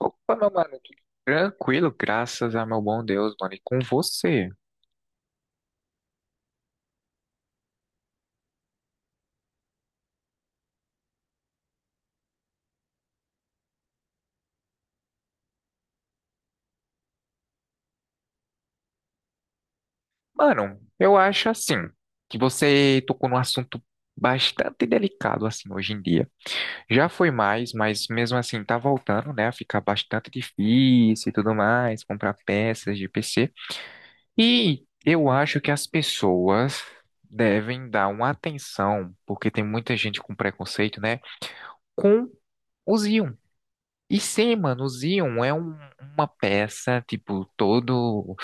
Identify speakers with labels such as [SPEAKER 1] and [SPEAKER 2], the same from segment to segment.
[SPEAKER 1] Opa, meu mano, tudo tranquilo, graças a meu bom Deus, mano, e com você. Mano, eu acho assim, que você tocou num assunto bastante delicado, assim, hoje em dia. Já foi mais, mas mesmo assim tá voltando, né, a ficar bastante difícil e tudo mais, comprar peças de PC. E eu acho que as pessoas devem dar uma atenção, porque tem muita gente com preconceito, né, com os íons. E sim, mano, o Xeon é uma peça, tipo, todo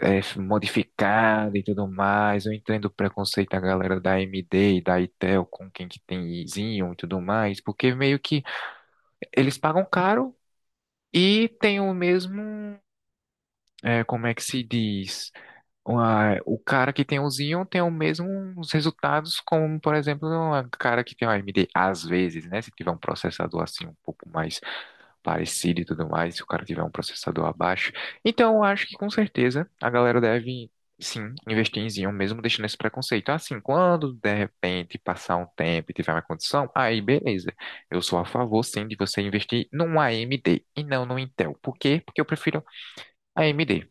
[SPEAKER 1] modificada e tudo mais. Eu entendo o preconceito da galera da AMD e da Intel com quem que tem Xeon e tudo mais, porque meio que eles pagam caro e tem o mesmo, como é que se diz? O cara que tem o Xeon tem os mesmos resultados como, por exemplo, o cara que tem o AMD, às vezes, né? Se tiver um processador assim um pouco mais parecido e tudo mais, se o cara tiver um processador abaixo. Então, eu acho que com certeza a galera deve, sim, investir em Xeon, mesmo deixando esse preconceito. Assim, quando de repente passar um tempo e tiver uma condição, aí beleza. Eu sou a favor, sim, de você investir num AMD e não no Intel. Por quê? Porque eu prefiro AMD.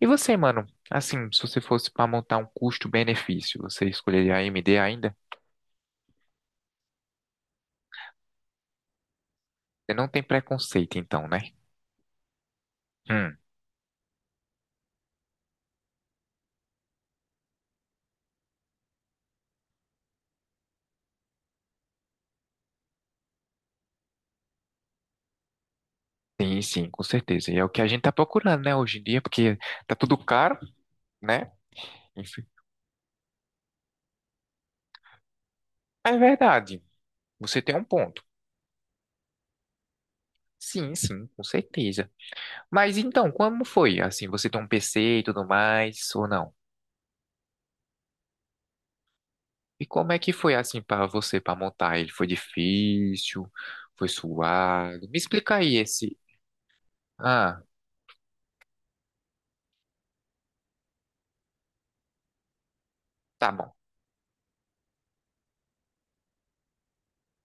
[SPEAKER 1] E você, mano? Assim, se você fosse para montar um custo-benefício, você escolheria AMD ainda? Você não tem preconceito, então, né? Hum. Sim, sim, com certeza. E é o que a gente tá procurando, né, hoje em dia, porque tá tudo caro, né? Enfim. É verdade, você tem um ponto. Sim, sim, com certeza. Mas então, como foi? Assim, você tem um PC e tudo mais, ou não? E como é que foi, assim, para você, para montar ele? Foi difícil? Foi suado? Me explica aí esse. Ah, tá bom,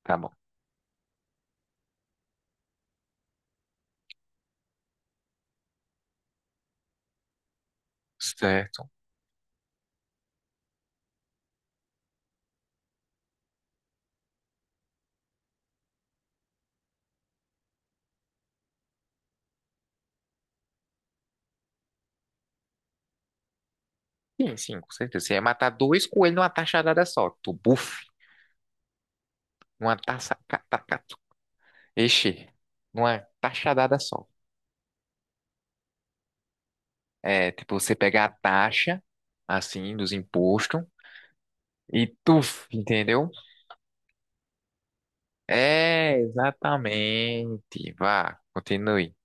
[SPEAKER 1] tá bom. Certo. Sim, sim, com certeza. Você ia matar dois coelhos numa taxadada só. Tu, buf, uma taça. Ixi, numa taxadada só. É, tipo, você pega a taxa, assim, dos impostos e tuf, entendeu? É, exatamente. Vá, continue.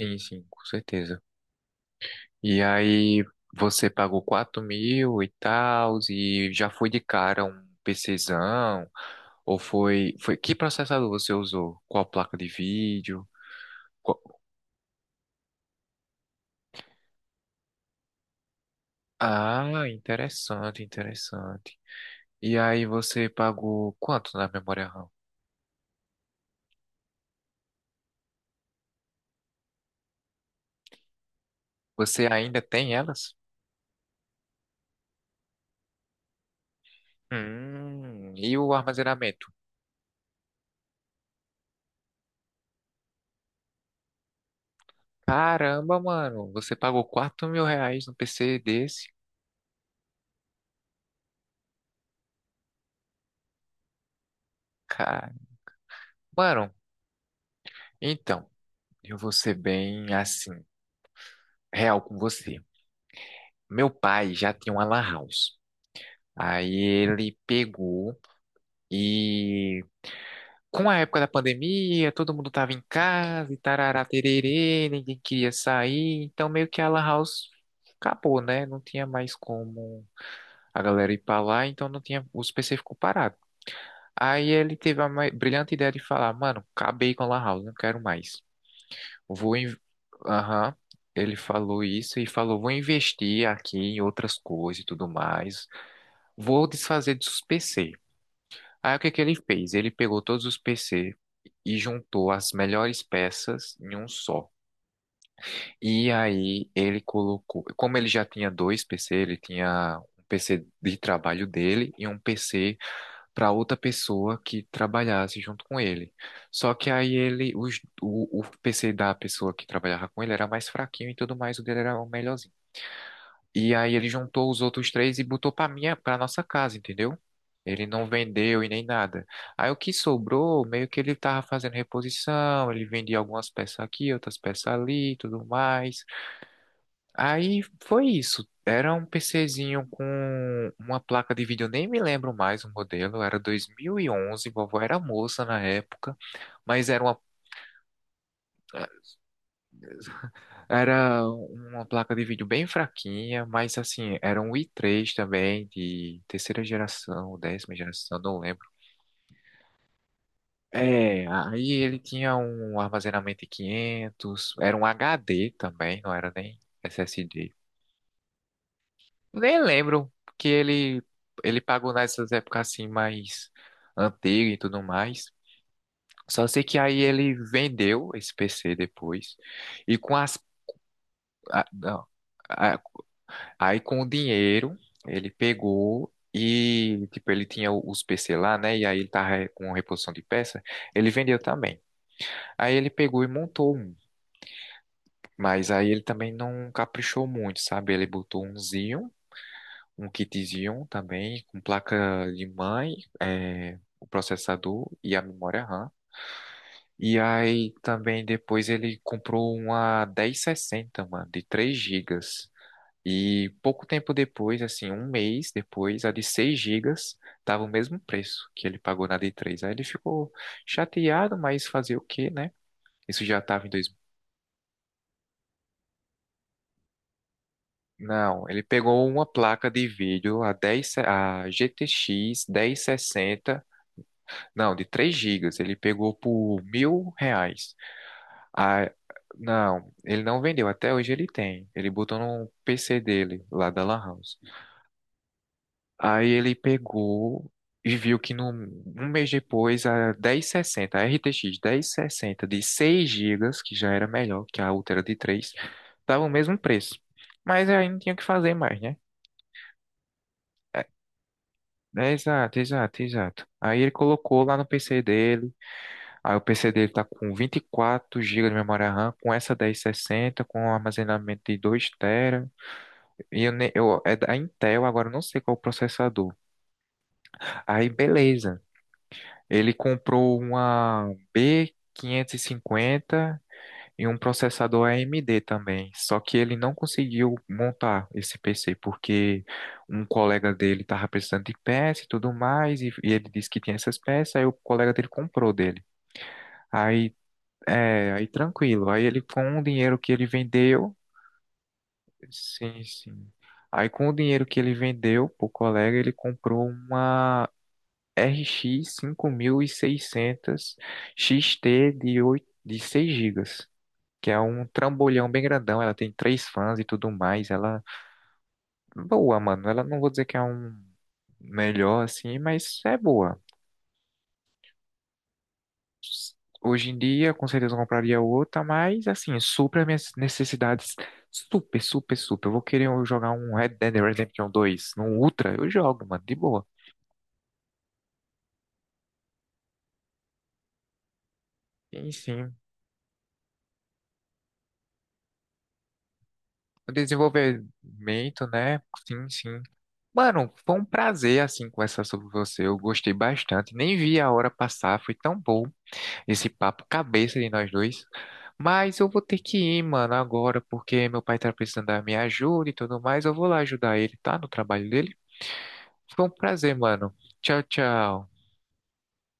[SPEAKER 1] Sim, sim, com certeza. E aí, você pagou 4 mil e tal, e já foi de cara um PCzão, ou foi... Que processador você usou? Qual placa de vídeo? Qual- Ah, interessante, interessante. E aí você pagou quanto na memória RAM? Você ainda tem elas? E o armazenamento? Caramba, mano, você pagou R$ 4.000 no PC desse? Cara. Mano, então, eu vou ser bem assim, real com você. Meu pai já tinha uma lan house. Aí ele pegou e com a época da pandemia, todo mundo tava em casa e tarará tererê, ninguém queria sair, então meio que a Lan House acabou, né? Não tinha mais como a galera ir pra lá, então não tinha, o PC ficou parado. Aí ele teve a brilhante ideia de falar, mano, acabei com a Lan House, não quero mais. Vou, in- aham, ele falou isso e falou, vou investir aqui em outras coisas e tudo mais, vou desfazer dos PC. Aí o que que ele fez? Ele pegou todos os PC e juntou as melhores peças em um só. E aí ele colocou, como ele já tinha dois PC, ele tinha um PC de trabalho dele e um PC para outra pessoa que trabalhasse junto com ele. Só que aí ele, o PC da pessoa que trabalhava com ele era mais fraquinho e tudo mais, o dele era o melhor e aí ele juntou os outros três e botou pra nossa casa, entendeu? Ele não vendeu e nem nada. Aí o que sobrou, meio que ele tava fazendo reposição, ele vendia algumas peças aqui, outras peças ali, e tudo mais. Aí foi isso. Era um PCzinho com uma placa de vídeo, eu nem me lembro mais o modelo, era 2011, vovó era moça na época, mas era uma placa de vídeo bem fraquinha, mas assim, era um i3 também, de terceira geração, 10ª geração, não lembro. É, aí ele tinha um armazenamento de 500, era um HD também, não era nem SSD. Nem lembro que ele pagou nessas épocas assim mais antigas e tudo mais. Só sei que aí ele vendeu esse PC depois, e com as... não, a- Aí com o dinheiro, ele pegou e, tipo, ele tinha o- os PC lá, né? E aí ele tava com reposição de peça, ele vendeu também. Aí ele pegou e montou um, mas aí ele também não caprichou muito, sabe? Ele botou um Xeon, um kit Xeon também, com placa de mãe, o processador e a memória RAM. E aí também depois ele comprou uma 1060, mano, de 3 gigas. E pouco tempo depois, assim, um mês depois, a de 6 gigas estava o mesmo preço que ele pagou na de 3. Aí ele ficou chateado, mas fazer o quê, né? Isso já estava em dois... Não, ele pegou uma placa de vídeo, a 10, a GTX 1060, não, de 3 gigas, ele pegou por R$ 1.000. A, não, ele não vendeu, até hoje ele tem. Ele botou no PC dele, lá da Lan House. Aí ele pegou e viu que no um mês depois a 1060, a RTX 1060 de 6 gigas que já era melhor que a outra era de 3 estava o mesmo preço. Mas aí não tinha o que fazer mais, né? É, é, exato, exato, exato. Aí ele colocou lá no PC dele. Aí o PC dele tá com 24 gigas de memória RAM, com essa 1060, com um armazenamento de 2 TB. E eu, é da Intel, agora eu não sei qual é o processador. Aí beleza. Ele comprou uma B550 e cinquenta e um processador AMD também. Só que ele não conseguiu montar esse PC porque um colega dele estava precisando de peça e tudo mais, e ele disse que tinha essas peças, aí o colega dele comprou dele. Aí, aí tranquilo. Aí ele com o dinheiro que ele vendeu, sim, sim. Aí com o dinheiro que ele vendeu pro colega, ele comprou uma RX 5600 XT de, 8 de 6 gigas, que é um trambolhão bem grandão. Ela tem três fãs e tudo mais. Ela boa, mano. Ela não vou dizer que é um melhor assim, mas é boa. Hoje em dia, com certeza eu compraria outra, mas assim, supra as minhas necessidades. Super, super, super. Eu vou querer jogar um Red Dead Redemption 2 no Ultra, eu jogo, mano, de boa. Sim. Sim. O desenvolvimento, né? Sim, sim. Mano, foi um prazer, assim, conversar sobre você. Eu gostei bastante. Nem vi a hora passar. Foi tão bom esse papo cabeça de nós dois. Mas eu vou ter que ir, mano, agora, porque meu pai tá precisando da minha ajuda e tudo mais. Eu vou lá ajudar ele, tá? No trabalho dele. Foi um prazer, mano. Tchau, tchau.